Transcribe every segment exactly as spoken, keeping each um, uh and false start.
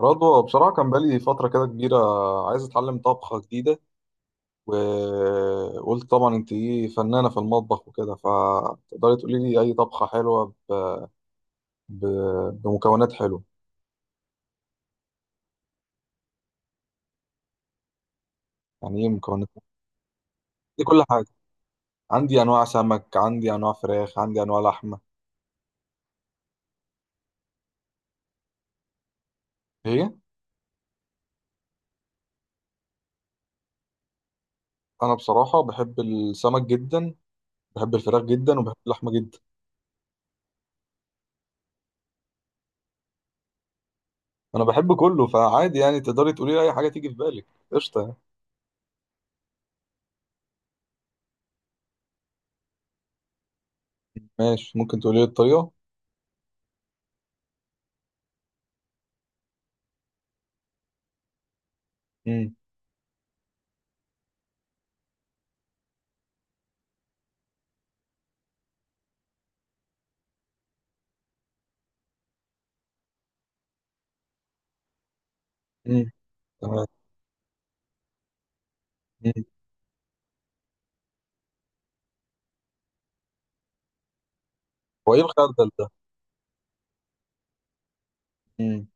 رضوى، بصراحة كان بقالي فترة كده كبيرة عايز أتعلم طبخة جديدة، وقلت طبعا أنت إيه فنانة في المطبخ وكده، فتقدري تقولي لي أي طبخة حلوة ب... ب... بمكونات حلوة. يعني إيه مكونات؟ دي كل حاجة. عندي أنواع سمك، عندي أنواع فراخ، عندي أنواع لحمة. هي أنا بصراحة بحب السمك جدا، بحب الفراخ جدا، وبحب اللحمة جدا. أنا بحب كله فعادي، يعني تقدري تقولي لي أي حاجة تيجي في بالك، قشطة يعني. ماشي، ممكن تقولي لي الطريقة؟ مم. مم. تمام. هو ايه الخردل ده؟ مم.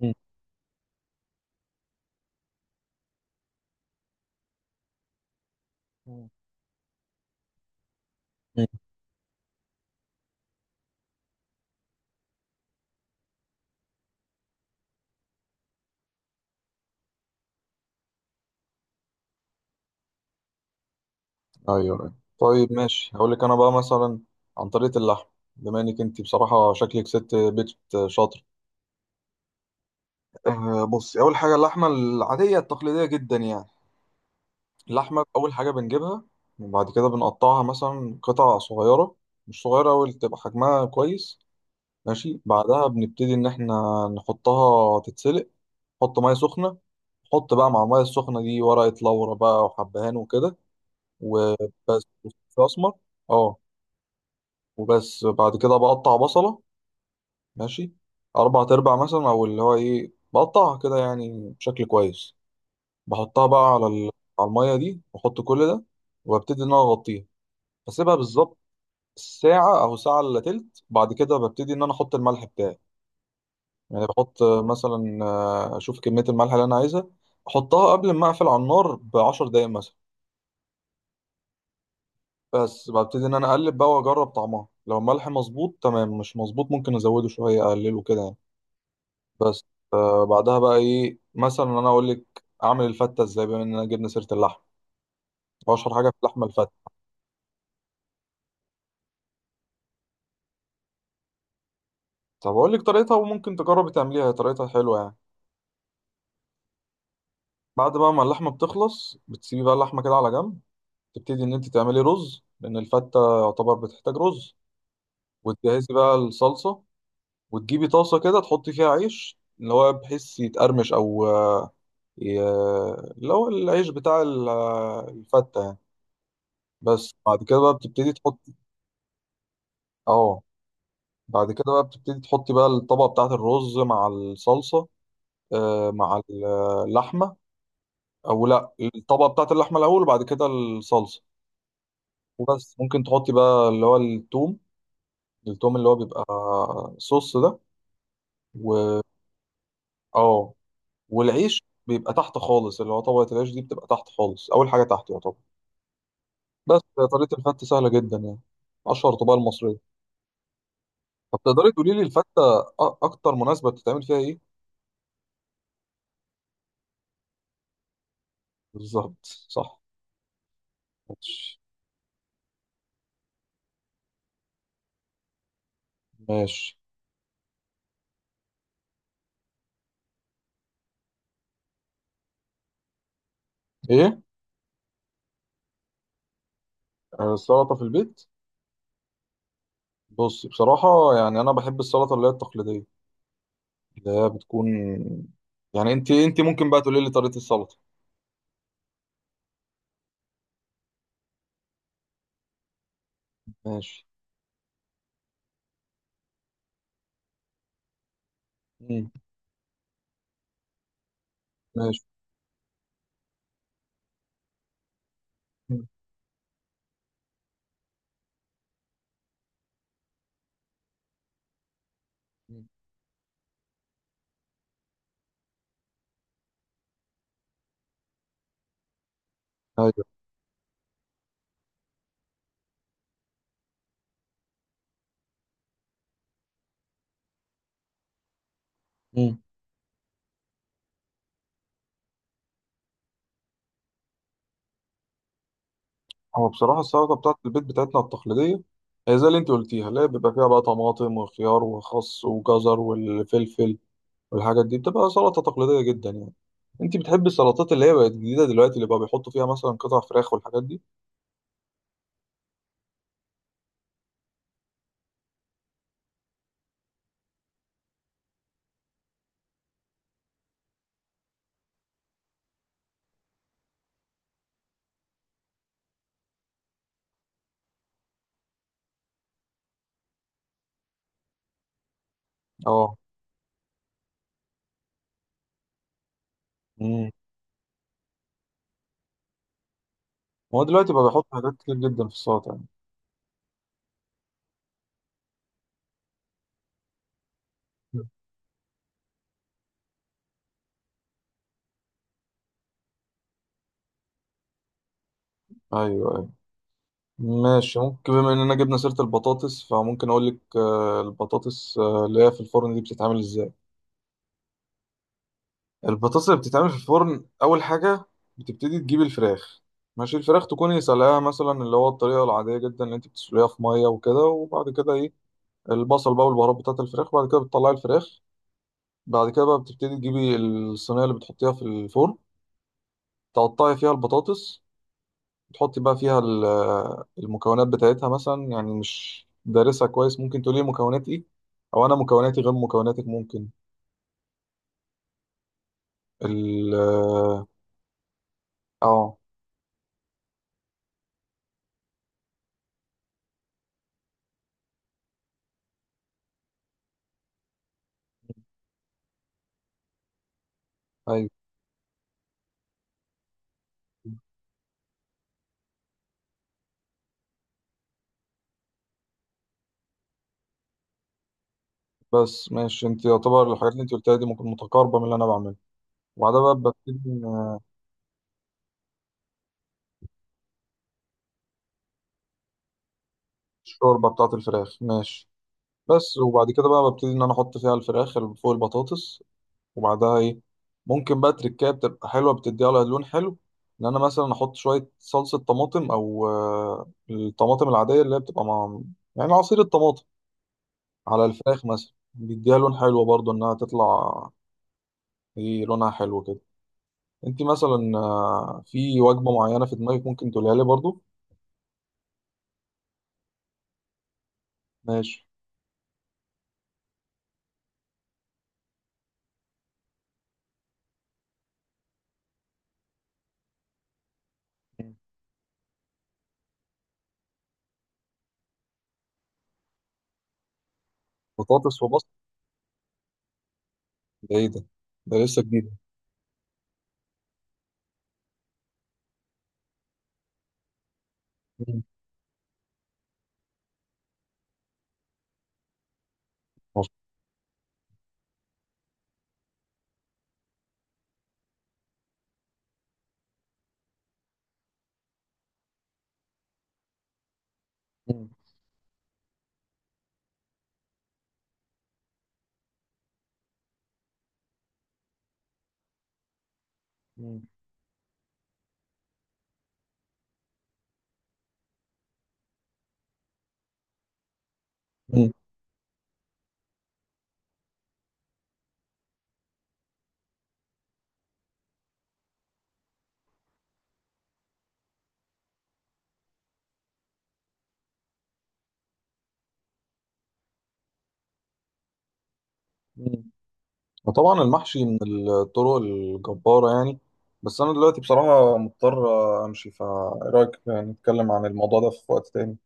مم. مم. مم. ايوه، أيوة. طيب ماشي، هقول لك انا بقى مثلا عن طريقه اللحم، بما انك انت بصراحه شكلك ست بيت شاطر. أه، بصي، اول حاجه اللحمه العاديه التقليديه جدا يعني، اللحمه اول حاجه بنجيبها، وبعد كده بنقطعها مثلا قطع صغيره، مش صغيره أوي تبقى حجمها كويس. ماشي، بعدها بنبتدي ان احنا نحطها تتسلق، نحط ميه سخنه، نحط بقى مع الميه السخنه دي ورقه لورا بقى وحبهان وكده، وبس. فلفل اسمر، اه. وبس، بعد كده بقطع بصله، ماشي، اربع تربع مثلا، او اللي هو ايه بقطعها كده يعني بشكل كويس، بحطها بقى على ال- على الميه دي، واحط كل ده، وببتدي ان انا اغطيها، بسيبها بالظبط ساعة أو ساعة إلا تلت. بعد كده ببتدي إن أنا أحط الملح بتاعي، يعني بحط مثلا، آه، أشوف كمية الملح اللي أنا عايزها، أحطها قبل ما أقفل على النار بعشر دقايق مثلا. بس ببتدي ان انا اقلب بقى واجرب طعمها، لو الملح مظبوط تمام، مش مظبوط ممكن ازوده شويه، اقلله كده يعني. بس، آه بعدها بقى ايه، مثلا انا اقول لك اعمل الفته ازاي، بما اننا جبنا سيره اللحم، اشهر حاجه في اللحمه الفته. طب اقول لك طريقتها، وممكن تجربي تعمليها، هي طريقتها حلوه يعني. بعد بقى ما اللحمه بتخلص بتسيبي بقى اللحمه كده على جنب، تبتدي ان انت تعملي رز لان الفته يعتبر بتحتاج رز، وتجهزي بقى الصلصه، وتجيبي طاسه كده تحطي فيها عيش اللي هو بحيث يتقرمش، او ي- اللي هو العيش بتاع ال- الفتة يعني. بس بعد كده بقى بتبتدي تحط. اه، بعد كده بقى بتبتدي تحطي بقى الطبقة بتاعة الرز مع الصلصة، آه، مع ال- اللحمة. أو لأ، الطبقة بتاعة اللحمة الأول وبعد كده الصلصة. وبس، ممكن تحطي بقى اللي هو التوم. التوم اللي هو بيبقى صوص ده. و اه والعيش بيبقى تحت خالص، اللي هو طبقة العيش دي بتبقى تحت خالص، أول حاجة تحت يعتبر. بس، طريقة الفتة سهلة جدا يعني، أشهر طبقة المصرية. طب تقدري تقولي لي الفتة أ- أكتر مناسبة بتتعمل فيها إيه؟ بالظبط، صح. ماشي. ماشي. إيه؟ آه، السلطة في البيت؟ بص، بصراحة يعني أنا بحب السلطة اللي هي التقليدية، اللي هي بتكون يعني، أنت أنت ممكن بقى تقولي لي طريقة السلطة. ماشي. مم. ماشي. مم. مم. أيوه. مم. هو بصراحة السلطة بتاعت البيت بتاعتنا التقليدية هي زي اللي أنت قلتيها، اللي هي بيبقى فيها بقى طماطم وخيار وخس وجزر والفلفل والحاجات دي، بتبقى سلطة تقليدية جدا يعني. انت بتحبي السلطات اللي هي بقت جديدة دلوقتي اللي بقى بيحطوا فيها مثلا قطع فراخ والحاجات دي؟ اه. امم. هو دلوقتي بقى بيحط حاجات كتير جدا في السلطة يعني. مم. ايوه، ايوه. ماشي، ممكن بما اننا جبنا سيرة البطاطس فممكن اقول لك، آه، البطاطس، آه، اللي هي في الفرن دي بتتعمل ازاي. البطاطس اللي بتتعمل في الفرن، اول حاجة بتبتدي تجيب الفراخ، ماشي الفراخ تكوني سلقاها مثلا، اللي هو الطريقة العادية جدا اللي انت بتسلقيها في مية وكده، وبعد كده ايه البصل بقى والبهارات بتاعت الفراخ، وبعد كده بتطلعي الفراخ. بعد كده بقى بتبتدي تجيبي الصينية اللي بتحطيها في الفرن، تقطعي فيها البطاطس، تحطي بقى فيها ال- المكونات بتاعتها، مثلا يعني مش دارسها كويس، ممكن تقولي مكونات ايه، او انا مكوناتي غير مكوناتك، ممكن ال اه. ايوه، بس ماشي، انت يعتبر الحاجات اللي انت قلتها دي ممكن متقاربة من اللي انا بعمله، وبعدها بقى ببتدي الشوربة بتاعة الفراخ، ماشي. بس، وبعد كده بقى ببتدي ان انا احط فيها الفراخ اللي فوق البطاطس. وبعدها ايه، ممكن بقى تركايه بتبقى حلوه بتديها لها لون حلو، ان انا مثلا احط شويه صلصه طماطم او آه، الطماطم العاديه اللي هي بتبقى مع، يعني عصير الطماطم، على الفراخ مثلا بيديها لون حلو برضو انها تطلع ايه لونها حلو كده. انت مثلا، آه، في وجبه معينه في دماغك، ممكن تقولها لي برضو. ماشي. مم. بطاطس وبصل؟ ده ايه ده؟ ده لسه جديد. مم. مم. مم. مم. مم. وطبعا المحشي من الطرق الجبارة يعني، بس أنا دلوقتي بصراحة مضطر أمشي، فإيه رأيك نتكلم عن الموضوع ده في وقت تاني.